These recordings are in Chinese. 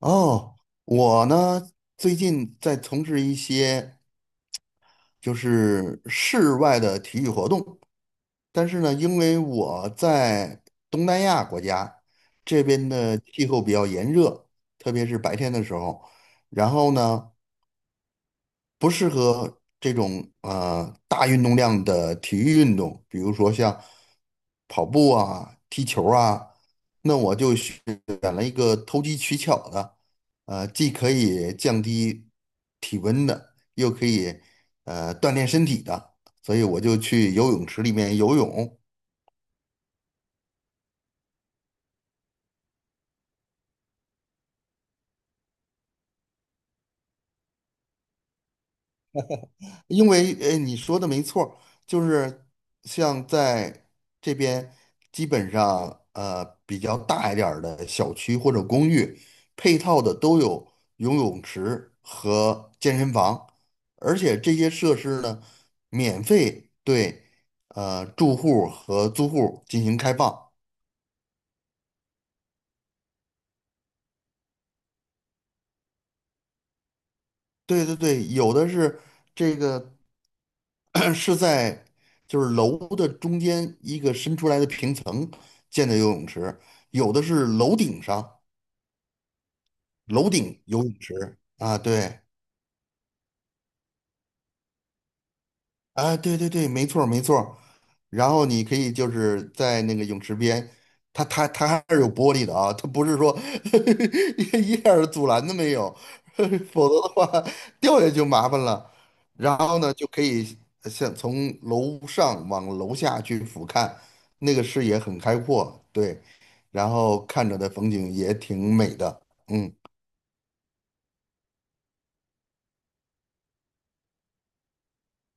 哦，我呢最近在从事一些就是室外的体育活动，但是呢，因为我在东南亚国家这边的气候比较炎热，特别是白天的时候，然后呢，不适合这种大运动量的体育运动，比如说像跑步啊、踢球啊，那我就选了一个投机取巧的，既可以降低体温的，又可以锻炼身体的，所以我就去游泳池里面游泳。因为你说的没错儿，就是像在这边，基本上比较大一点儿的小区或者公寓，配套的都有游泳池和健身房，而且这些设施呢，免费对住户和租户进行开放。对对对，有的是这个 是在就是楼的中间一个伸出来的平层建的游泳池，有的是楼顶上，楼顶游泳池啊，对。啊，对对对，没错儿没错儿，然后你可以就是在那个泳池边，它还是有玻璃的啊，它不是说 一点儿阻拦都没有，否则的话掉下去就麻烦了。然后呢，就可以像从楼上往楼下去俯瞰，那个视野很开阔，对，然后看着的风景也挺美的，嗯。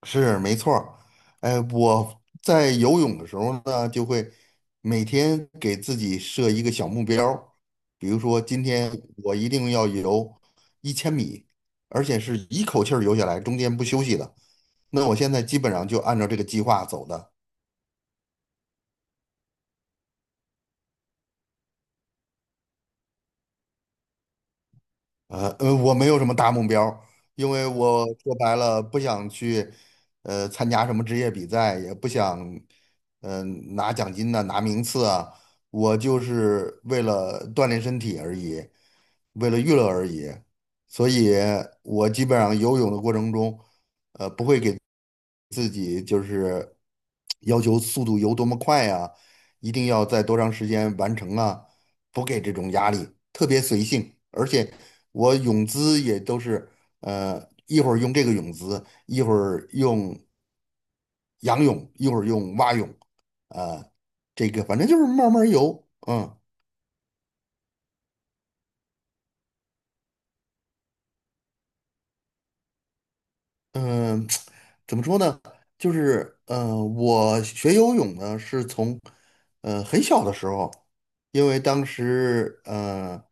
是没错儿，哎，我在游泳的时候呢，就会每天给自己设一个小目标儿，比如说今天我一定要游1000米，而且是一口气儿游下来，中间不休息的。那我现在基本上就按照这个计划走的。我没有什么大目标，因为我说白了不想去，参加什么职业比赛，也不想，嗯、拿奖金呐、拿名次啊，我就是为了锻炼身体而已，为了娱乐而已。所以，我基本上游泳的过程中，要求速度游多么快啊，一定要在多长时间完成啊，不给这种压力，特别随性。而且我泳姿也都是，一会儿用这个泳姿，一会儿用仰泳，一会儿用蛙泳，啊、这个反正就是慢慢游，嗯。嗯，怎么说呢？就是,我学游泳呢是从很小的时候，因为当时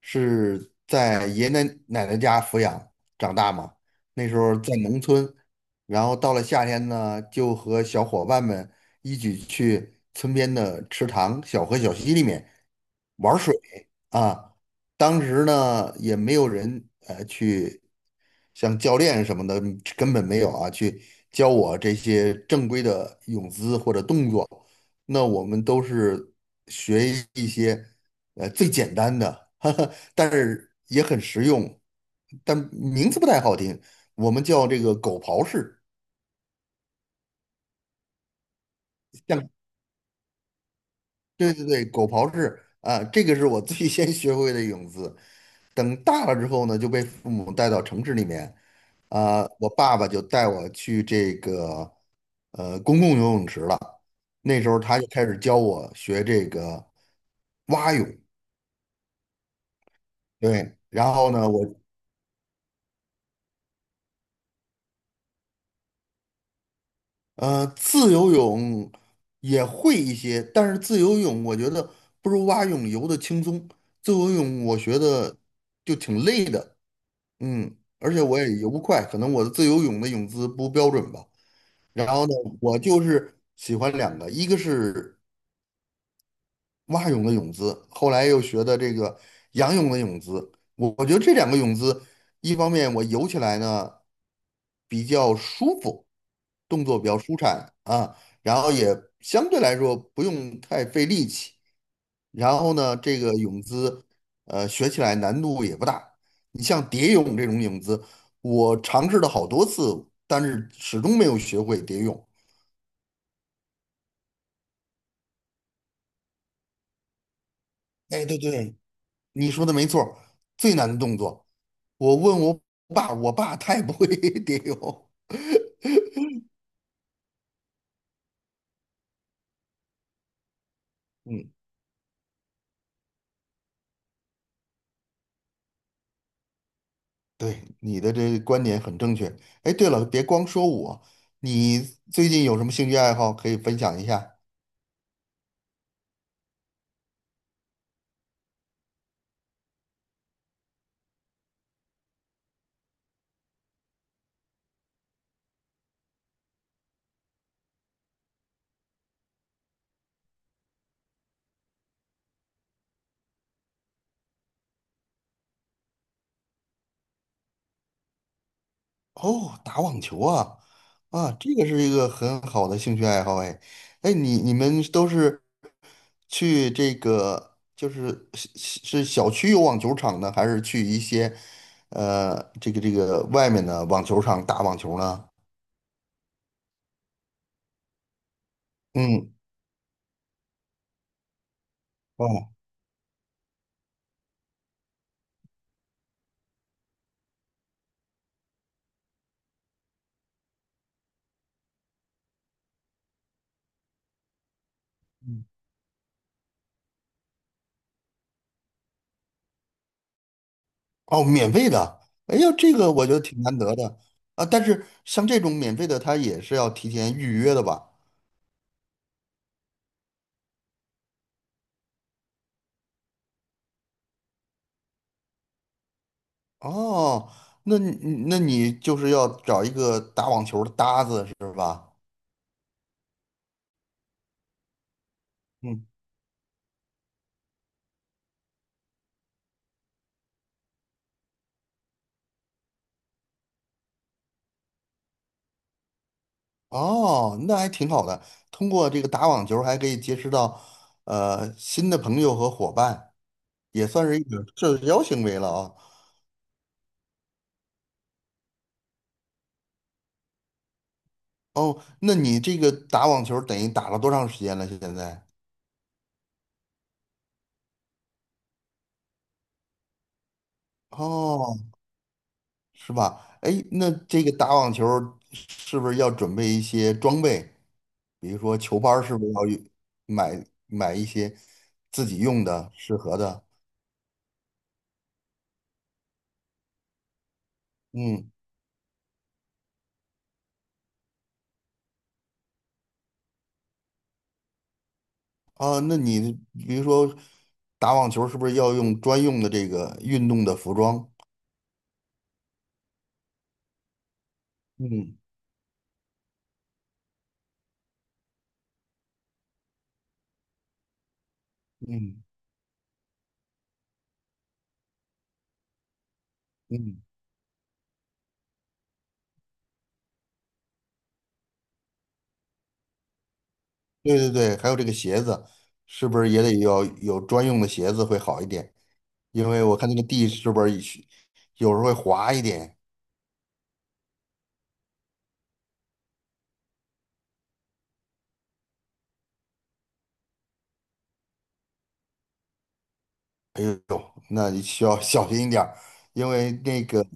是在爷爷奶奶家抚养长大嘛，那时候在农村，然后到了夏天呢，就和小伙伴们一起去村边的池塘、小河、小溪里面玩水啊。当时呢，也没有人去像教练什么的，根本没有啊，去教我这些正规的泳姿或者动作。那我们都是学一些最简单的，哈哈，但是也很实用，但名字不太好听，我们叫这个狗刨式。像。对对对，狗刨式啊，这个是我最先学会的泳姿。等大了之后呢，就被父母带到城市里面，啊、我爸爸就带我去这个公共游泳池了。那时候他就开始教我学这个蛙泳，对，然后呢，我自由泳也会一些，但是自由泳我觉得不如蛙泳游的轻松。自由泳我学的就挺累的。嗯，而且我也游不快，可能我的自由泳的泳姿不标准吧。然后呢，我就是喜欢两个，一个是蛙泳的泳姿，后来又学的这个仰泳的泳姿。我觉得这两个泳姿，一方面我游起来呢比较舒服，动作比较舒展啊，然后也相对来说不用太费力气。然后呢，这个泳姿，学起来难度也不大。你像蝶泳这种泳姿，我尝试了好多次，但是始终没有学会蝶泳。哎，对对，你说的没错儿，最难的动作。我问我爸，我爸他也不会 蝶泳。嗯，对，你的这个观点很正确。哎，对了，别光说我，你最近有什么兴趣爱好可以分享一下？哦，打网球啊，啊，这个是一个很好的兴趣爱好。哎，哎，你你们都是去这个就是是小区有网球场呢，还是去一些呃这个外面的网球场打网球呢？嗯，哦，嗯。哦，免费的，哎呦，这个我觉得挺难得的啊。但是像这种免费的，它也是要提前预约的吧？哦，那你那你就是要找一个打网球的搭子是吧？嗯，哦，那还挺好的。通过这个打网球，还可以结识到新的朋友和伙伴，也算是一种社交行为了啊。哦，那你这个打网球等于打了多长时间了？现在？哦。是吧？哎，那这个打网球儿是不是要准备一些装备？比如说球拍，是不是要有买一些自己用的适合的？嗯，啊，那你比如说打网球，是不是要用专用的这个运动的服装？嗯嗯嗯，对对对，还有这个鞋子，是不是也得要有专用的鞋子会好一点？因为我看那个地是不是有时候会滑一点。哎呦，那你需要 小心一点儿，因为那个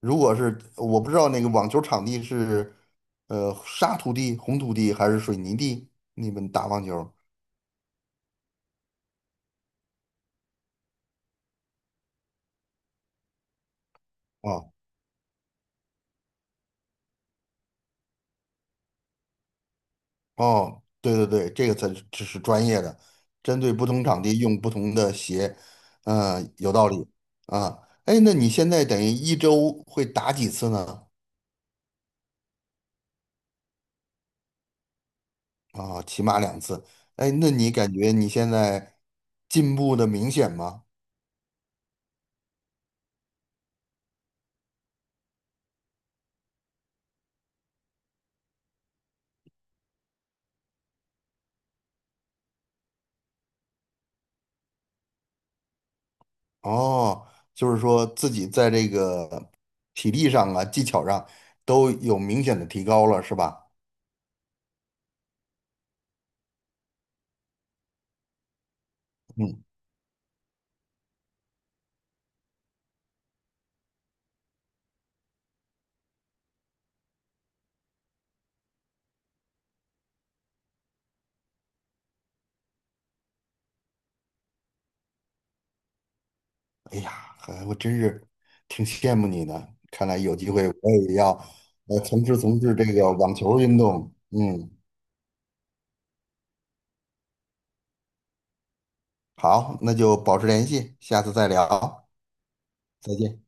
如果是我不知道那个网球场地是沙土地、红土地还是水泥地，你们打网球哦。哦，对对对，这个才是，这是专业的，针对不同场地用不同的鞋，嗯、有道理啊。哎，那你现在等于一周会打几次呢？啊、起码两次。哎，那你感觉你现在进步的明显吗？哦，就是说自己在这个体力上啊、技巧上都有明显的提高了，是吧？嗯，哎呀，还我真是挺羡慕你的。看来有机会我也要从事这个网球运动。嗯，好，那就保持联系，下次再聊，再见。